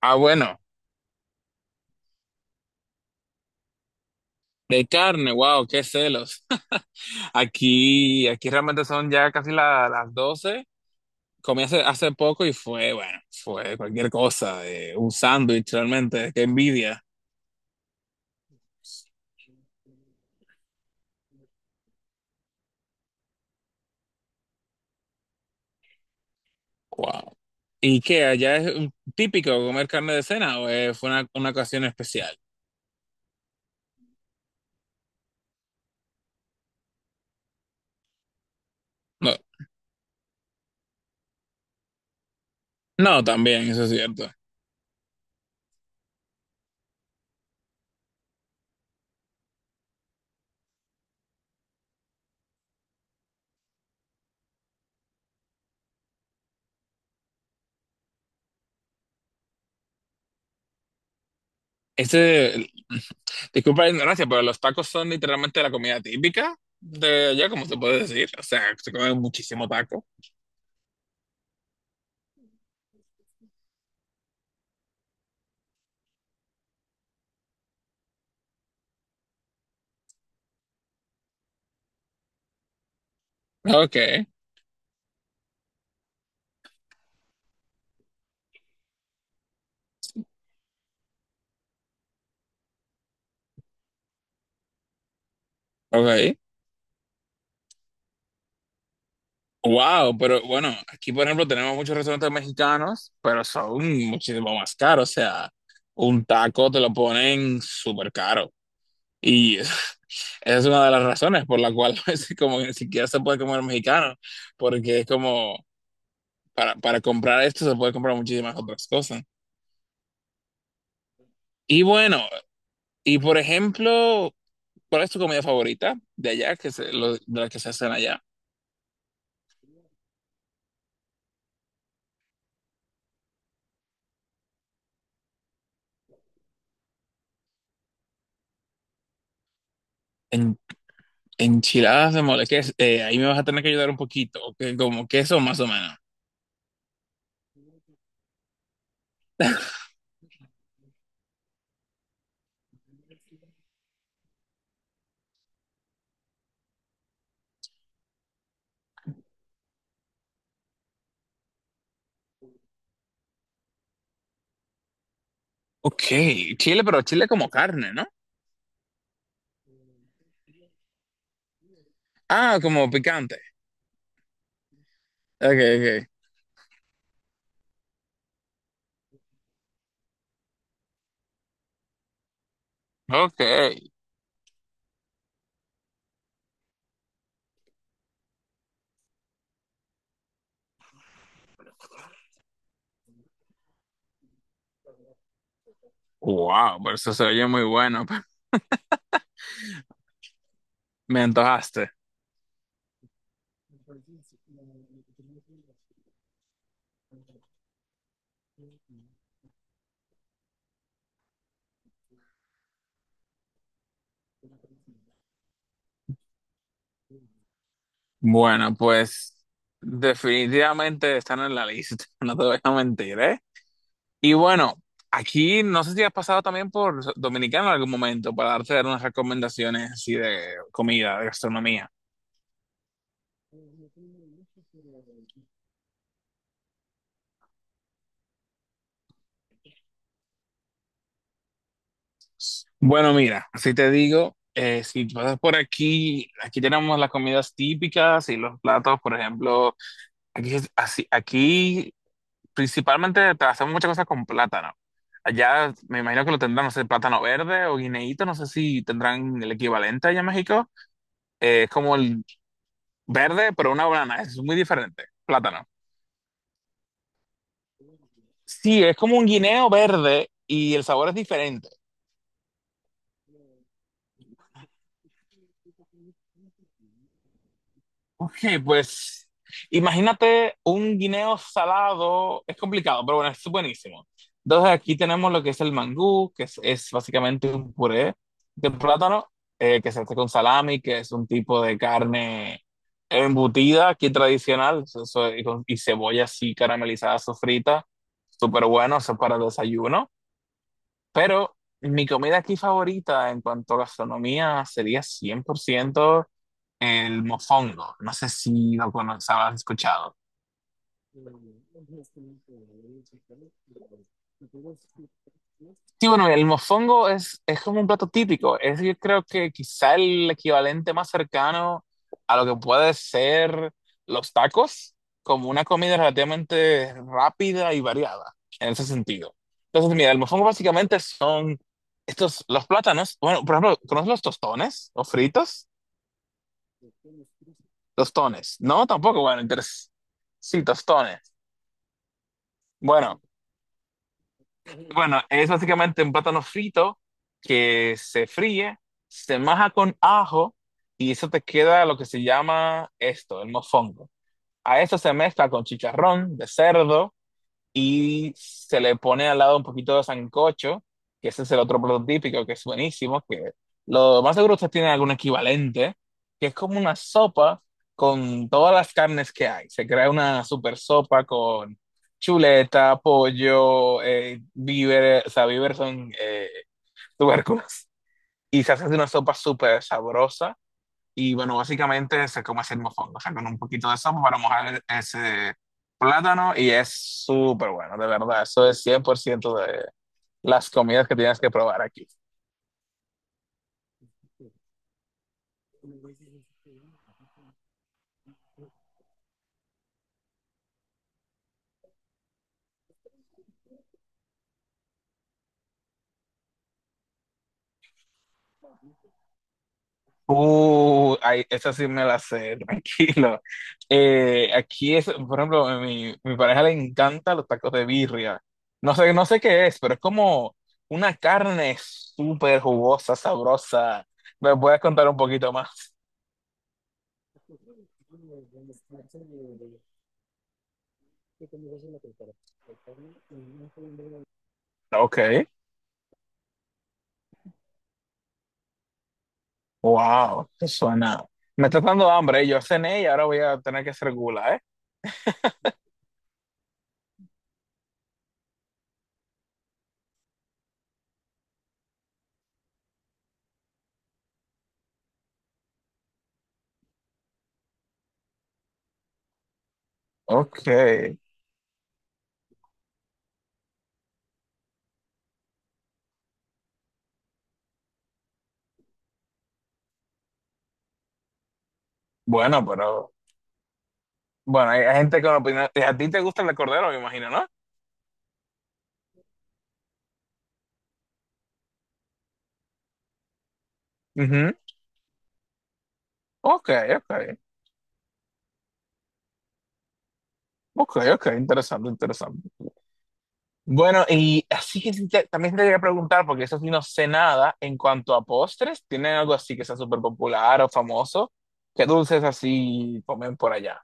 Ah, bueno, de carne, wow, qué celos. Aquí realmente son ya casi las 12. Comí hace poco y fue, bueno, fue cualquier cosa, un sándwich realmente, qué envidia. Wow. ¿Y qué? ¿Allá es típico comer carne de cena o fue una ocasión especial? No, no, también, eso es cierto. Este, disculpa la ignorancia, pero los tacos son literalmente la comida típica de allá, como se puede decir. O sea, se comen muchísimo taco. Ok. Ok. Wow, pero bueno, aquí por ejemplo tenemos muchos restaurantes mexicanos, pero son muchísimo más caros. O sea, un taco te lo ponen súper caro. Y esa es una de las razones por la cual a veces como que ni siquiera se puede comer mexicano, porque es como para comprar esto se puede comprar muchísimas otras cosas. Y bueno, y por ejemplo, ¿cuál es tu comida favorita de allá, de la que se hacen allá? Enchiladas de mole, ¿qué es? Ahí me vas a tener que ayudar un poquito, que como queso más o menos. Ok, chile, pero chile como carne, ¿no? Ah, como picante. Ok, ok. Ok. Wow, pero eso se oye muy bueno. Me antojaste. Bueno, pues definitivamente están en la lista, no te voy a mentir, ¿eh? Y bueno, aquí no sé si has pasado también por Dominicana en algún momento para darte unas recomendaciones así de comida, de gastronomía. Bueno, mira, así te digo, si pasas por aquí, aquí tenemos las comidas típicas y los platos, por ejemplo, aquí, es así, aquí principalmente te hacemos muchas cosas con plátano. Allá me imagino que lo tendrán, no sé, plátano verde o guineíto, no sé si tendrán el equivalente allá en México. Es como el verde, pero una banana, es muy diferente, plátano. Sí, es como un guineo verde y el sabor es diferente. Ok, pues imagínate un guineo salado, es complicado, pero bueno, es buenísimo. Entonces aquí tenemos lo que es el mangú, es básicamente un puré de plátano, que se hace con salami, que es un tipo de carne embutida aquí tradicional, y, y cebolla así caramelizada, sofrita, súper bueno, eso es para desayuno. Pero mi comida aquí favorita en cuanto a gastronomía sería 100% el mofongo. No sé si lo conoces, has escuchado. Sí, bueno, es como un plato típico. Es yo creo que quizá el equivalente más cercano a lo que puede ser los tacos, como una comida relativamente rápida y variada en ese sentido. Entonces, mira, el mofongo básicamente son estos, los plátanos. Bueno, por ejemplo, ¿conoces los tostones o fritos? Tostones. No, tampoco, bueno, entonces, sí, tostones. Bueno, bueno, es básicamente un plátano frito que se fríe, se maja con ajo y eso te queda lo que se llama esto, el mofongo. A eso se mezcla con chicharrón de cerdo y se le pone al lado un poquito de sancocho, que ese es el otro plato típico que es buenísimo, que lo más seguro ustedes tienen algún equivalente, que es como una sopa con todas las carnes que hay. Se crea una super sopa con chuleta, pollo, víveres, o sea, víveres son tubérculos, y se hace una sopa súper sabrosa y bueno, básicamente se come así el mofongo, o sea, con un poquito de sopa para mojar ese plátano y es súper bueno, de verdad. Eso es 100% de las comidas que tienes que probar aquí. Ay, esa sí me la sé, tranquilo. Aquí es, por ejemplo, a mi pareja le encanta los tacos de birria. No sé qué es, pero es como una carne súper jugosa, sabrosa. ¿Me puedes contar un poquito más? Ok. Wow, eso suena. Me está dando hambre, ¿eh? Yo cené y ahora voy a tener que hacer gula, ¿eh? Ok. Bueno, pero. Bueno, hay gente con opinión. A ti te gusta el de cordero, me imagino, ¿no? Ujú. Ok, ok. Ok, ok. Interesante, interesante. Bueno, y así que sí también te quería preguntar, porque eso sí no sé nada en cuanto a postres. ¿Tienen algo así que sea súper popular o famoso? ¿Qué dulces así comen por allá?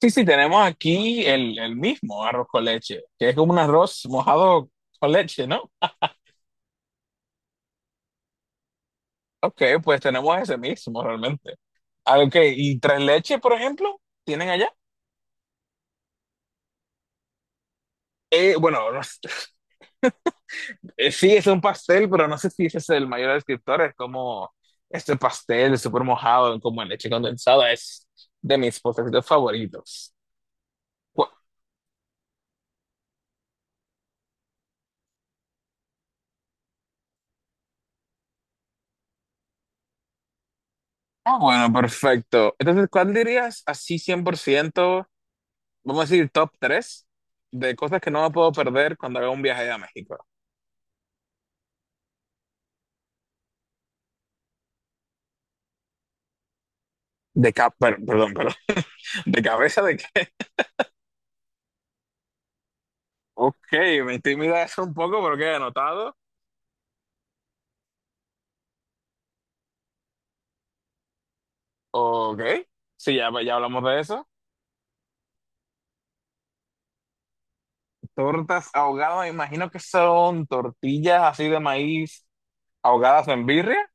Sí, sí, tenemos aquí el mismo arroz con leche, que es como un arroz mojado con leche, ¿no? Ok, pues tenemos ese mismo realmente. Ah, ok, ¿y tres leche, por ejemplo, tienen allá? Bueno, no sé, sí, es un pastel, pero no sé si ese es el mayor descriptor, es como este pastel súper mojado, como en leche condensada, es de mis postres favoritos. Bu- Ah, bueno, perfecto. Entonces, ¿cuál dirías así 100%, vamos a decir, top 3 de cosas que no me puedo perder cuando haga un viaje a México? De cap, perdón, perdón, de cabeza de que, ok, me intimida eso un poco porque he anotado, ok, sí, ya hablamos de eso. Tortas ahogadas, me imagino que son tortillas así de maíz ahogadas en birria.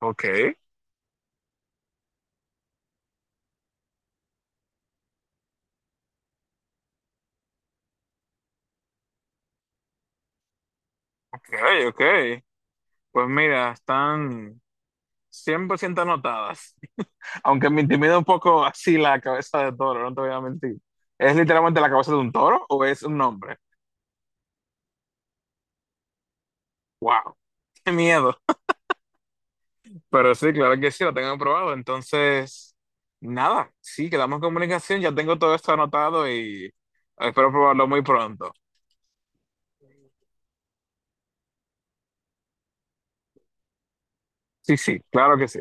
Ok, ok, ok, pues mira, están 100% anotadas. Aunque me intimida un poco así la cabeza de toro, no te voy a mentir. ¿Es literalmente la cabeza de un toro o es un hombre? ¡Wow! ¡Qué miedo! Pero sí, claro que sí, lo tengo probado. Entonces, nada, sí, quedamos en comunicación. Ya tengo todo esto anotado y espero probarlo muy pronto. Sí, sí, claro que sí.